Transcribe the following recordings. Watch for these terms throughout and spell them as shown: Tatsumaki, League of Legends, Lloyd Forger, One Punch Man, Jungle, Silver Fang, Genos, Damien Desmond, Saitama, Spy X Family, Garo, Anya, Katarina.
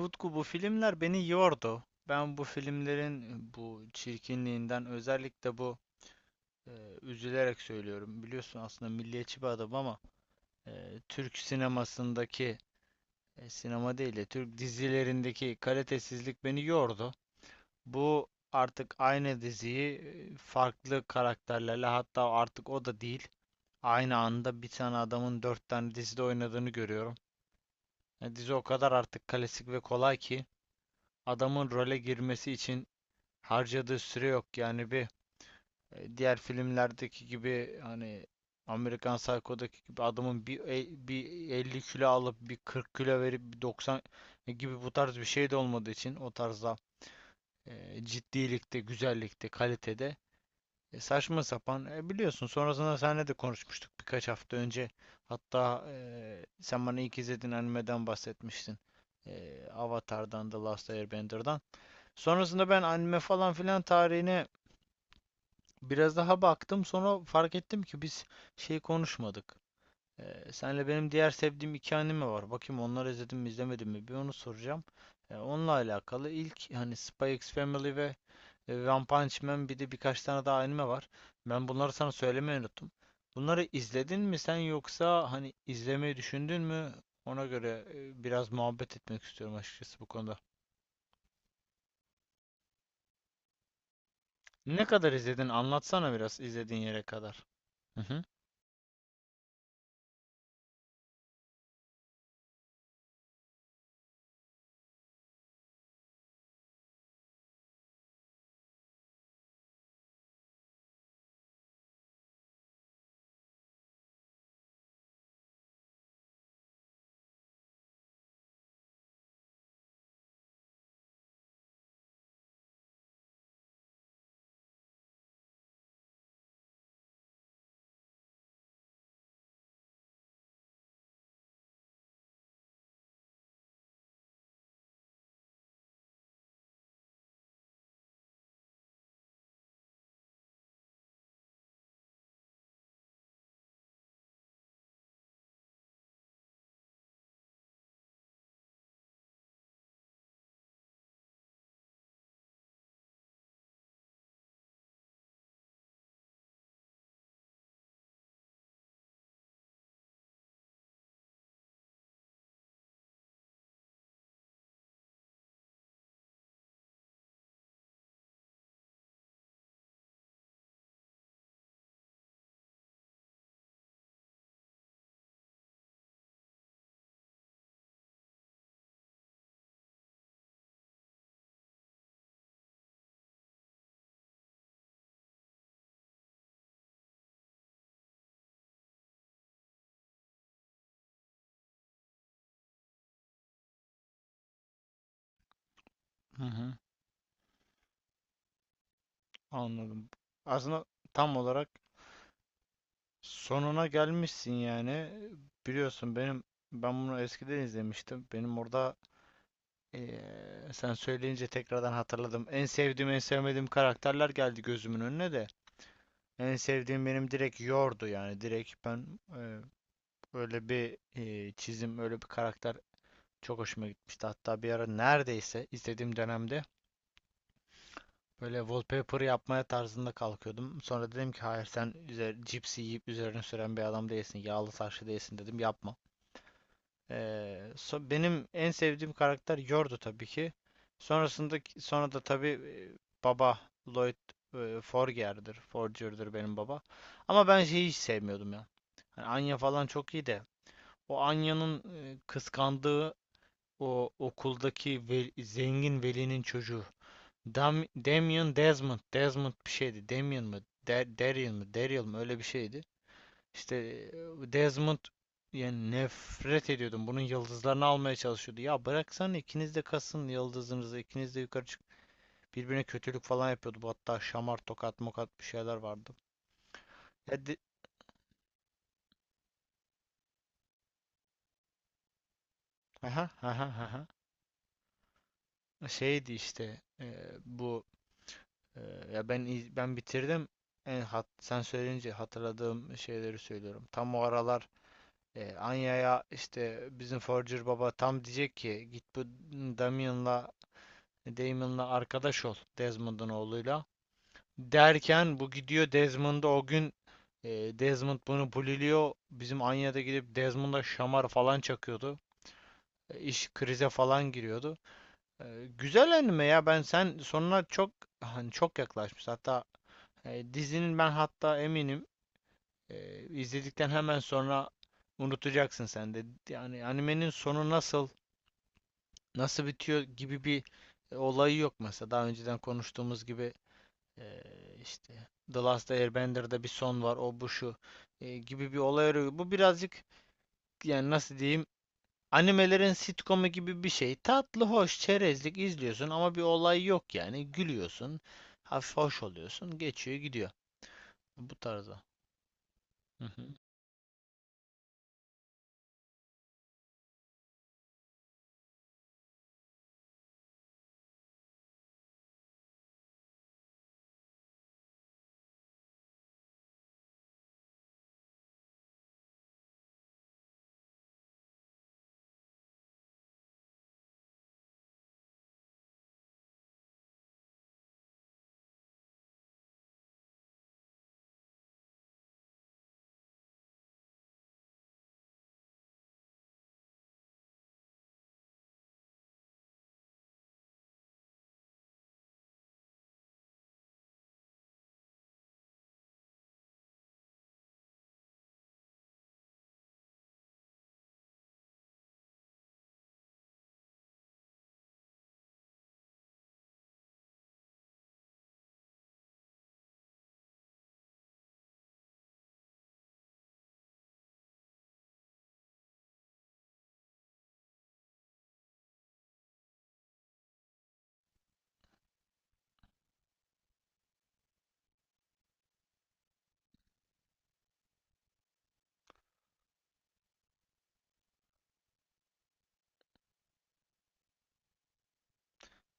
Utku bu filmler beni yordu. Ben bu filmlerin bu çirkinliğinden özellikle bu e, üzülerek söylüyorum. Biliyorsun aslında milliyetçi bir adam ama Türk sinemasındaki sinema değil de Türk dizilerindeki kalitesizlik beni yordu. Bu artık aynı diziyi farklı karakterlerle, hatta artık o da değil. Aynı anda bir tane adamın dört tane dizide oynadığını görüyorum. Dizi o kadar artık klasik ve kolay ki adamın role girmesi için harcadığı süre yok. Yani bir diğer filmlerdeki gibi, hani Amerikan Psycho'daki gibi adamın bir 50 kilo alıp bir 40 kilo verip bir 90 gibi bu tarz bir şey de olmadığı için o tarzda ciddilikte, güzellikte, kalitede saçma sapan, biliyorsun. Sonrasında seninle de konuşmuştuk birkaç hafta önce. Hatta sen bana ilk izlediğin animeden bahsetmiştin. Avatar'dan, The Last Airbender'dan. Sonrasında ben anime falan filan tarihine biraz daha baktım, sonra fark ettim ki biz şey konuşmadık. Senle benim diğer sevdiğim iki anime var. Bakayım onları izledim mi izlemedim mi, bir onu soracağım. Onunla alakalı ilk, hani Spy X Family ve One Punch Man, bir de birkaç tane daha anime var. Ben bunları sana söylemeyi unuttum. Bunları izledin mi sen, yoksa hani izlemeyi düşündün mü? Ona göre biraz muhabbet etmek istiyorum açıkçası bu konuda. Ne kadar izledin? Anlatsana biraz izlediğin yere kadar. Hı hı. Hı hı. Anladım. Aslında tam olarak sonuna gelmişsin yani. Biliyorsun benim, ben bunu eskiden izlemiştim. Benim orada sen söyleyince tekrardan hatırladım. En sevdiğim, en sevmediğim karakterler geldi gözümün önüne de. En sevdiğim benim direkt Yor'du yani. Direkt ben, öyle bir çizim, öyle bir karakter çok hoşuma gitmişti. Hatta bir ara, neredeyse istediğim dönemde böyle wallpaper yapmaya tarzında kalkıyordum. Sonra dedim ki hayır, sen üzer, cipsi yiyip üzerine süren bir adam değilsin. Yağlı taşlı değilsin, dedim, yapma. Benim en sevdiğim karakter Yordu tabii ki. Sonrasında, sonra da tabii baba Lloyd Forger'dir. Forger'dır benim baba. Ama ben şeyi hiç sevmiyordum ya. Hani Anya falan çok iyi de, o Anya'nın kıskandığı o okuldaki zengin velinin çocuğu. Damien Desmond. Desmond bir şeydi. Damien mı? De Daryl mı? Daryl mı? Öyle bir şeydi. İşte Desmond, yani nefret ediyordum. Bunun yıldızlarını almaya çalışıyordu. Ya bıraksana, ikiniz de kasın yıldızınızı. İkiniz de yukarı çık. Birbirine kötülük falan yapıyordu. Bu, hatta şamar, tokat, mokat bir şeyler vardı. Ya de- aha, aha, aha. Şeydi işte, bu e, ya ben bitirdim. Sen söyleyince hatırladığım şeyleri söylüyorum. Tam o aralar Anya'ya işte bizim Forger baba tam diyecek ki git bu Damian'la, Damon'la arkadaş ol, Desmond'un oğluyla. Derken bu gidiyor Desmond'a o gün, e, Desmond bunu buliliyor. Bizim Anya'da gidip Desmond'a şamar falan çakıyordu. İş krize falan giriyordu. Güzel anime ya, ben sonuna çok, hani çok yaklaşmış. Hatta dizinin, ben hatta eminim izledikten hemen sonra unutacaksın sen de. Yani animenin sonu nasıl bitiyor gibi bir olayı yok mesela. Daha önceden konuştuğumuz gibi e, işte The Last Airbender'da bir son var, o bu şu gibi bir olay arıyor. Bu birazcık, yani nasıl diyeyim, animelerin sitcomu gibi bir şey. Tatlı, hoş, çerezlik izliyorsun ama bir olay yok yani. Gülüyorsun, hafif hoş oluyorsun, geçiyor gidiyor, bu tarzda. Hı hı.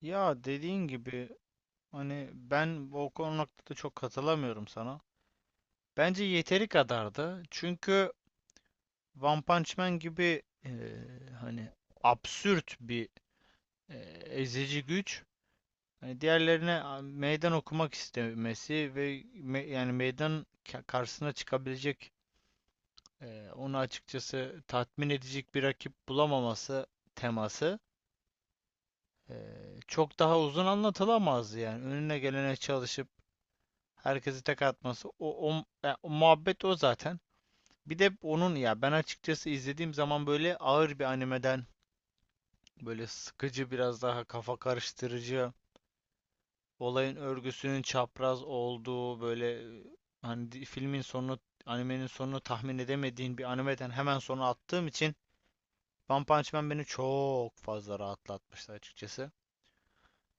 Ya dediğin gibi, hani ben o konuda da çok katılamıyorum sana. Bence yeteri kadardı. Çünkü One Punch Man gibi, hani absürt bir e, ezici güç, hani diğerlerine meydan okumak istemesi ve yani meydan, karşısına çıkabilecek onu açıkçası tatmin edecek bir rakip bulamaması teması e, çok daha uzun anlatılamazdı, yani önüne gelene çalışıp herkesi tek atması, o muhabbet, o zaten, bir de onun, ya ben açıkçası izlediğim zaman böyle ağır bir animeden, böyle sıkıcı, biraz daha kafa karıştırıcı, olayın örgüsünün çapraz olduğu böyle, e, hani filmin sonunu, animenin sonunu tahmin edemediğin bir animeden hemen sonra attığım için One Punch Man beni çok fazla rahatlatmıştı açıkçası.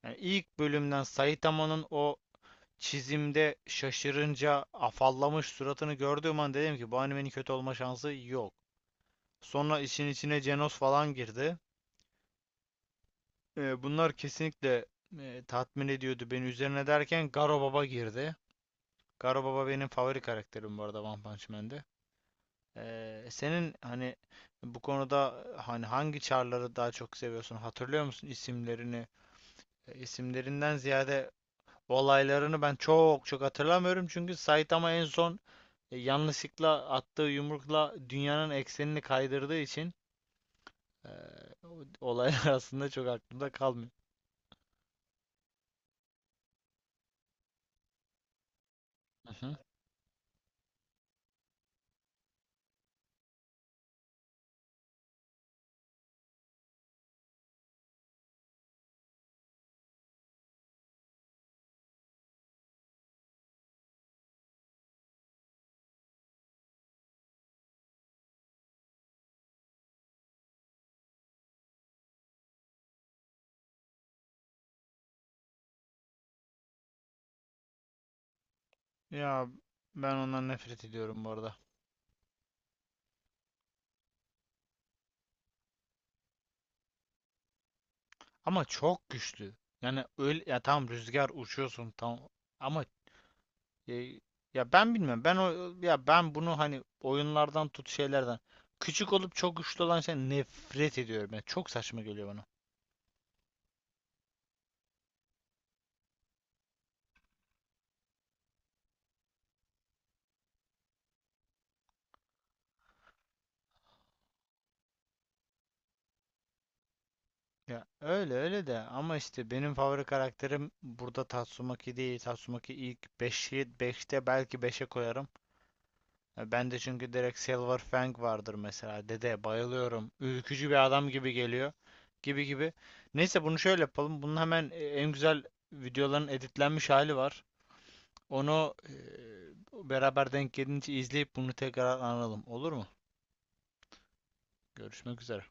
Yani ilk bölümden Saitama'nın o çizimde şaşırınca afallamış suratını gördüğüm an dedim ki, bu animenin kötü olma şansı yok. Sonra işin içine Genos falan girdi. Bunlar kesinlikle tatmin ediyordu beni. Üzerine derken Garo Baba girdi. Garo Baba benim favori karakterim bu arada One Punch Man'de. Senin hani bu konuda, hani hangi çarları daha çok seviyorsun? Hatırlıyor musun isimlerini? İsimlerinden ziyade olaylarını ben çok çok hatırlamıyorum. Çünkü Saitama en son yanlışlıkla attığı yumrukla dünyanın eksenini kaydırdığı için e, olaylar aslında çok aklımda kalmıyor. Hı hı. Ya ben ondan nefret ediyorum bu arada. Ama çok güçlü. Yani öyle ya, tam rüzgar uçuyorsun tam, ama e, ya ben bilmiyorum. Ben o, ya ben bunu hani oyunlardan tut şeylerden, küçük olup çok güçlü olan şey, nefret ediyorum. Yani çok saçma geliyor bana. Ya öyle öyle de, ama işte benim favori karakterim burada Tatsumaki değil. Tatsumaki ilk 5'i, beşte belki, beşe koyarım. Ya ben de, çünkü direkt Silver Fang vardır mesela. Dede bayılıyorum. Ürkücü bir adam gibi geliyor. Gibi gibi. Neyse bunu şöyle yapalım. Bunun hemen en güzel videoların editlenmiş hali var. Onu beraber denk gelince izleyip bunu tekrar analım. Olur mu? Görüşmek üzere.